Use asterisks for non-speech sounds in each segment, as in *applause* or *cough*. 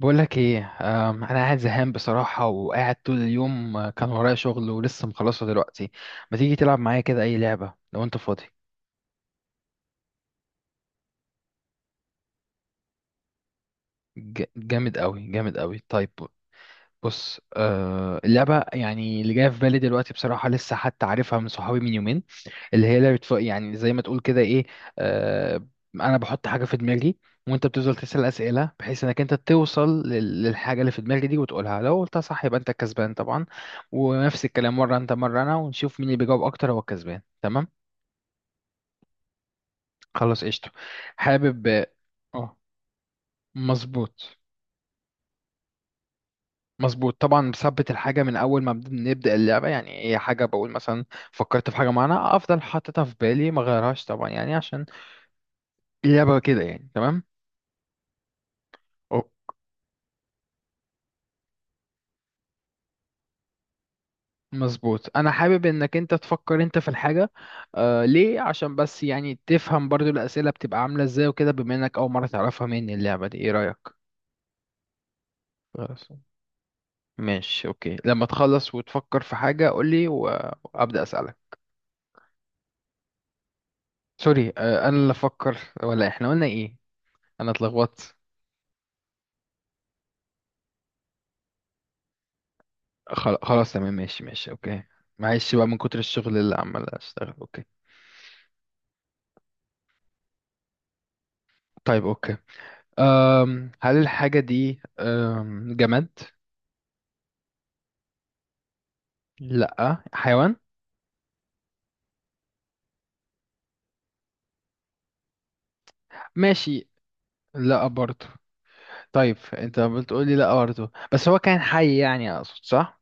بقولك ايه؟ انا قاعد زهقان بصراحة وقاعد طول اليوم. كان ورايا شغل ولسه مخلصه دلوقتي. ما تيجي تلعب معايا كده اي لعبة لو انت فاضي؟ جامد قوي، جامد قوي. طيب، بص، اللعبة يعني اللي جاية في بالي دلوقتي بصراحة لسه حتى عارفها من صحابي من يومين، اللي هي لعبة يعني زي ما تقول كده ايه. آه، انا بحط حاجة في دماغي وانت بتفضل تسأل اسئلة بحيث انك انت توصل للحاجة اللي في دماغي دي وتقولها، لو قلتها صح يبقى انت الكسبان طبعا. ونفس الكلام، مرة انت مرة انا، ونشوف مين اللي بيجاوب اكتر هو الكسبان، تمام. خلاص قشطة. حابب. اه، مظبوط. مظبوط طبعا، بثبت الحاجة من أول ما بنبدأ اللعبة، يعني هي حاجة بقول مثلا فكرت في حاجة معينة، أفضل حاططها في بالي، ما غيرهاش طبعا يعني عشان اللعبة كده، يعني تمام. مظبوط، انا حابب انك انت تفكر انت في الحاجه. آه ليه؟ عشان بس يعني تفهم برضو الاسئله بتبقى عامله ازاي وكده، بما انك اول مره تعرفها مني اللعبه دي، ايه رايك؟ خلاص. ماشي اوكي، لما تخلص وتفكر في حاجه قول لي وابدا اسالك. سوري، انا اللي افكر؟ ولا احنا قلنا ايه؟ انا اتلخبطت. خلاص، تمام ماشي ماشي اوكي. معلش بقى من كتر الشغل اللي عمال اشتغل. اوكي، طيب اوكي. هل الحاجه دي جماد؟ لا حيوان؟ ماشي. لا برضه؟ طيب انت بتقول لي لا برضه بس هو كان حي يعني، اقصد صح؟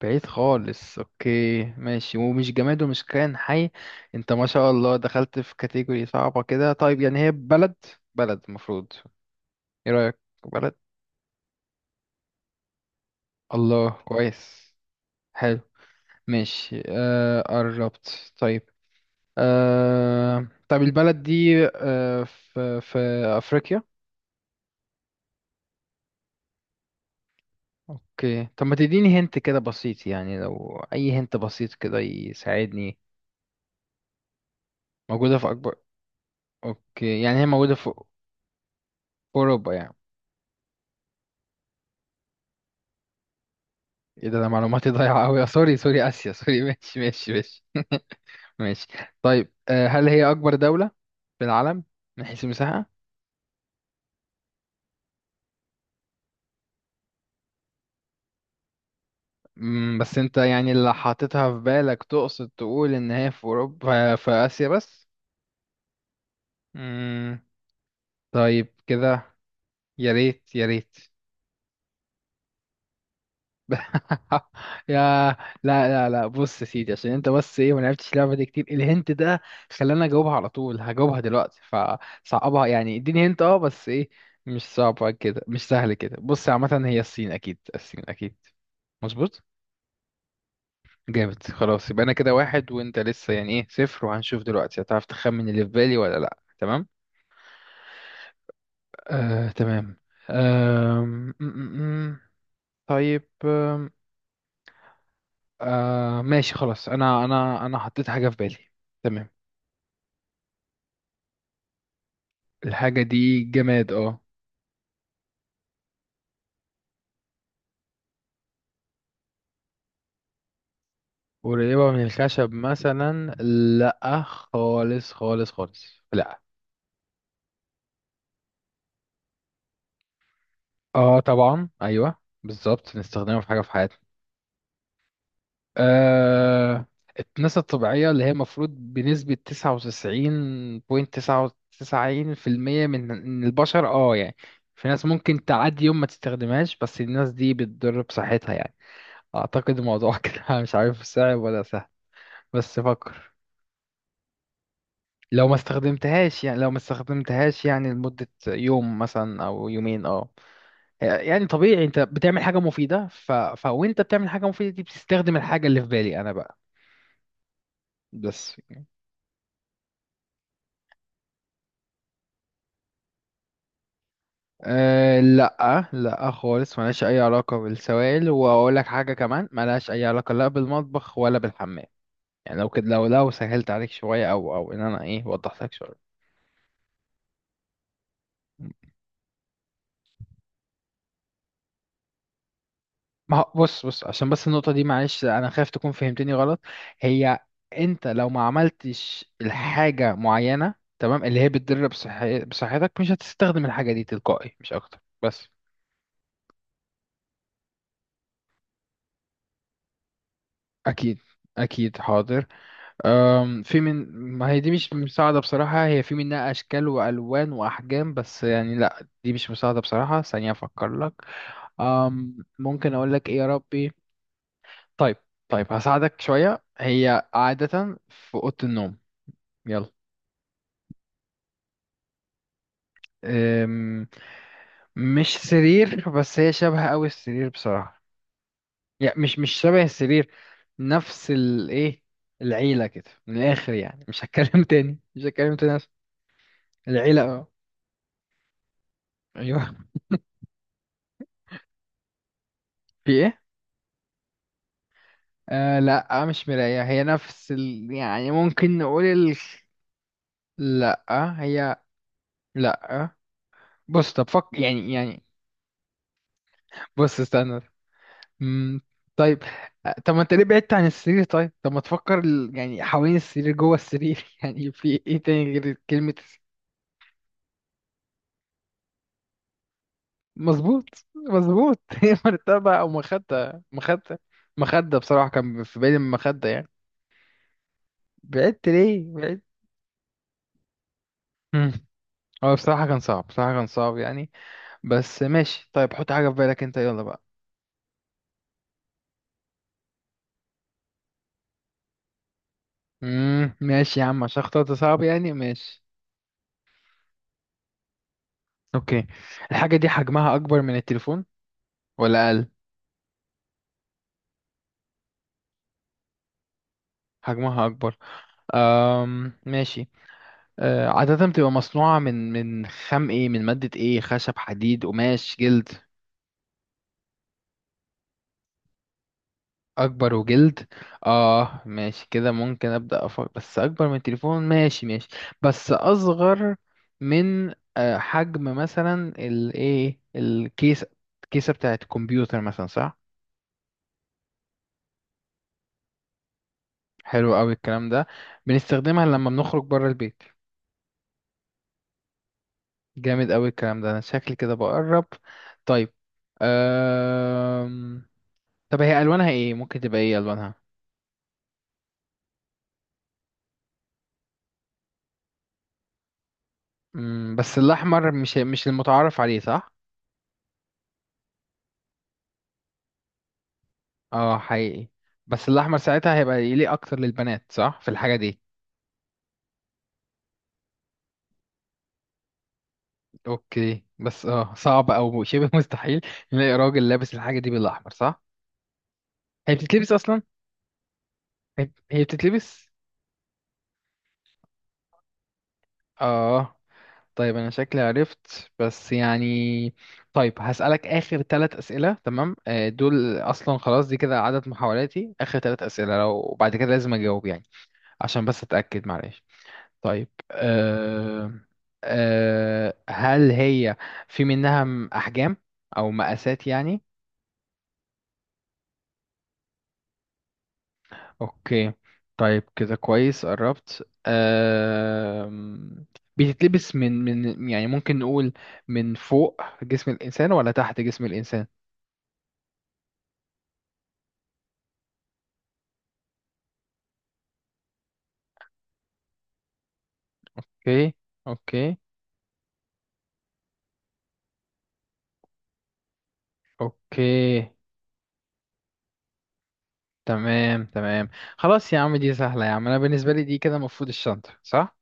بعيد خالص؟ اوكي ماشي، ومش جماد ومش كائن حي. انت ما شاء الله دخلت في كاتيجوري صعبة كده. طيب يعني هي بلد، بلد المفروض، ايه رأيك؟ بلد. الله كويس. حلو، ماشي. آه قربت. طيب، آه طيب، البلد دي آه في في افريقيا؟ اوكي، طب ما تديني هنت كده بسيط يعني، لو اي هنت بسيط كده يساعدني. موجودة في اكبر؟ اوكي يعني هي موجودة في في اوروبا يعني؟ ايه ده؟ ده معلوماتي *laughs* ضايعة اوي. سوري سوري، اسيا، سوري *laughs* ماشي ماشي ماشي ماشي. طيب هل هي اكبر دولة في العالم من حيث المساحة؟ مم، بس انت يعني اللي حاططها في بالك تقصد تقول ان هي في اوروبا في اسيا بس؟ مم، طيب كده. يا ريت يا ريت. *laughs* يا، لا لا لا، بص يا سيدي، عشان انت بس ايه ما لعبتش اللعبه دي كتير، الهنت ده خلاني اجاوبها على طول، هجاوبها دلوقتي فصعبها يعني، اديني هنت اه بس ايه، مش صعبه كده مش سهل كده. بص عامه هي الصين، اكيد الصين اكيد. مظبوط. جامد، خلاص يبقى انا كده واحد وانت لسه يعني ايه صفر. وهنشوف دلوقتي هتعرف تخمن اللي في بالي ولا لا. تمام، آه تمام. آم، م- م- م. طيب، آه ماشي خلاص، انا حطيت حاجة في بالي. تمام. الحاجة دي جماد اه. قريبة من الخشب مثلا؟ لا خالص خالص خالص. لا. اه طبعا ايوه بالظبط، نستخدمها في حاجة في حياتنا. آه، الناس الطبيعية اللي هي المفروض بنسبة 99.99% من البشر اه يعني. في ناس ممكن تعدي يوم ما تستخدمهاش بس الناس دي بتضر بصحتها يعني، اعتقد الموضوع *laughs* كده مش عارف صعب ولا سهل. بس فكر. لو ما استخدمتهاش يعني، لو ما استخدمتهاش يعني لمدة يوم مثلا او يومين اه. آه، يعني طبيعي انت بتعمل حاجة مفيدة وانت بتعمل حاجة مفيدة دي بتستخدم الحاجة اللي في بالي انا بقى، بس. أه لا لا خالص، ملهاش اي علاقة بالسوائل، واقول لك حاجة كمان ملهاش اي علاقة لا بالمطبخ ولا بالحمام. يعني لو كده، لو سهلت عليك شوية، او ان انا ايه وضحت لك شوية. ما هو- بص عشان بس النقطة دي، معلش أنا خايف تكون فهمتني غلط. هي، أنت لو ما عملتش الحاجة معينة تمام اللي هي بتضر بصحتك، مش هتستخدم الحاجة دي تلقائي، مش أكتر بس. أكيد، أكيد حاضر. أم في من ما هي دي مش مساعدة بصراحة، هي في منها أشكال وألوان وأحجام، بس يعني لأ دي مش مساعدة بصراحة. ثانية أفكر لك. ممكن أقول لك إيه يا ربي. طيب، طيب هساعدك شوية، هي عادة في أوضة النوم. يلا. أم، مش سرير، بس هي شبه قوي السرير بصراحة، يعني مش مش شبه السرير، نفس الايه، العيلة كده من الآخر يعني، مش هتكلم *laughs* تاني، مش هتكلم تاني أصلاً. العيلة اه. ايوه. في ايه؟ لا، مش مراية، هي نفس ال... يعني ممكن نقول ال... لا. هي. لا. بص طب فك يعني يعني. بص استنى. امم طيب. طب ما انت ليه بعدت عن السرير؟ طيب، طب ما تفكر يعني حوالين السرير، جوه السرير *laughs* يعني في ايه تاني غير كلمة الس-. مظبوط، مظبوط *laughs* هي مرتبة او مخدة، مخدة. مخدة بصراحة كان في بالي، المخدة يعني. بعدت ليه بعدت. مم. هو بصراحة كان صعب، بصراحة كان صعب يعني. بس ماشي. طيب حط حاجة في بالك انت، يلا بقى. ماشي يا عم، عشان اخترت صعب يعني، ماشي. اوكي. الحاجة دي حجمها اكبر من التليفون ولا اقل؟ حجمها اكبر. ماشي. أه عادة بتبقى مصنوعة من خام ايه؟ من مادة ايه؟ خشب، حديد، قماش، جلد؟ أكبر وجلد؟ اه ماشي كده، ممكن أبدأ أفكر، بس أكبر من التليفون، ماشي ماشي. بس أصغر من أه حجم مثلا الايه، الكيسة، الكيسة بتاعة الكمبيوتر مثلا، صح؟ حلو أوي الكلام ده. بنستخدمها لما بنخرج بره البيت. جامد أوي الكلام ده، أنا شكلي كده بقرب. طيب أه، طب هي الوانها ايه ممكن تبقى ايه الوانها؟ بس الاحمر مش المتعارف عليه صح؟ اه حقيقي. بس الاحمر ساعتها هيبقى يليق اكتر للبنات صح في الحاجه دي؟ اوكي بس اه، صعب او شبه *laughs* مستحيل نلاقي راجل لابس الحاجه دي بالاحمر صح؟ هي بتتلبس اصلا؟ هي بتتلبس. اه. طيب انا شكلي عرفت، بس يعني طيب هسألك آخر ثلاث أسئلة تمام، دول أصلا خلاص، دي كده عدد محاولاتي، آخر ثلاث أسئلة لو، وبعد كده لازم أجاوب يعني، عشان بس أتأكد معلش. طيب أه. أه هل هي في منها أحجام أو مقاسات يعني؟ أوكي. طيب كده كويس قربت. أه بتتلبس من، من يعني ممكن نقول من فوق جسم الإنسان ولا تحت جسم الإنسان؟ أوكي. أوكي. أوكي. تمام تمام. خلاص يا عم، دي سهلة يا عم، أنا بالنسبة لي دي كده المفروض الشنطة صح؟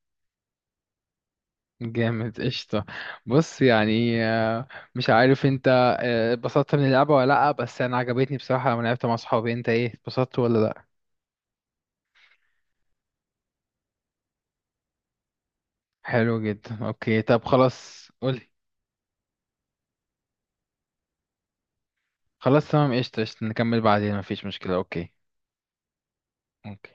جامد قشطة. بص يعني مش عارف انت، اتبسطت من اللعبة ولا لأ؟ بس أنا عجبتني بصراحة لما لعبت مع صحابي، انت ايه اتبسطت ولا لأ؟ حلو جدا، اوكي طب خلاص قولي. خلاص تمام، قشطة قشطة نكمل بعدين مفيش مشكلة. اوكي اوكي.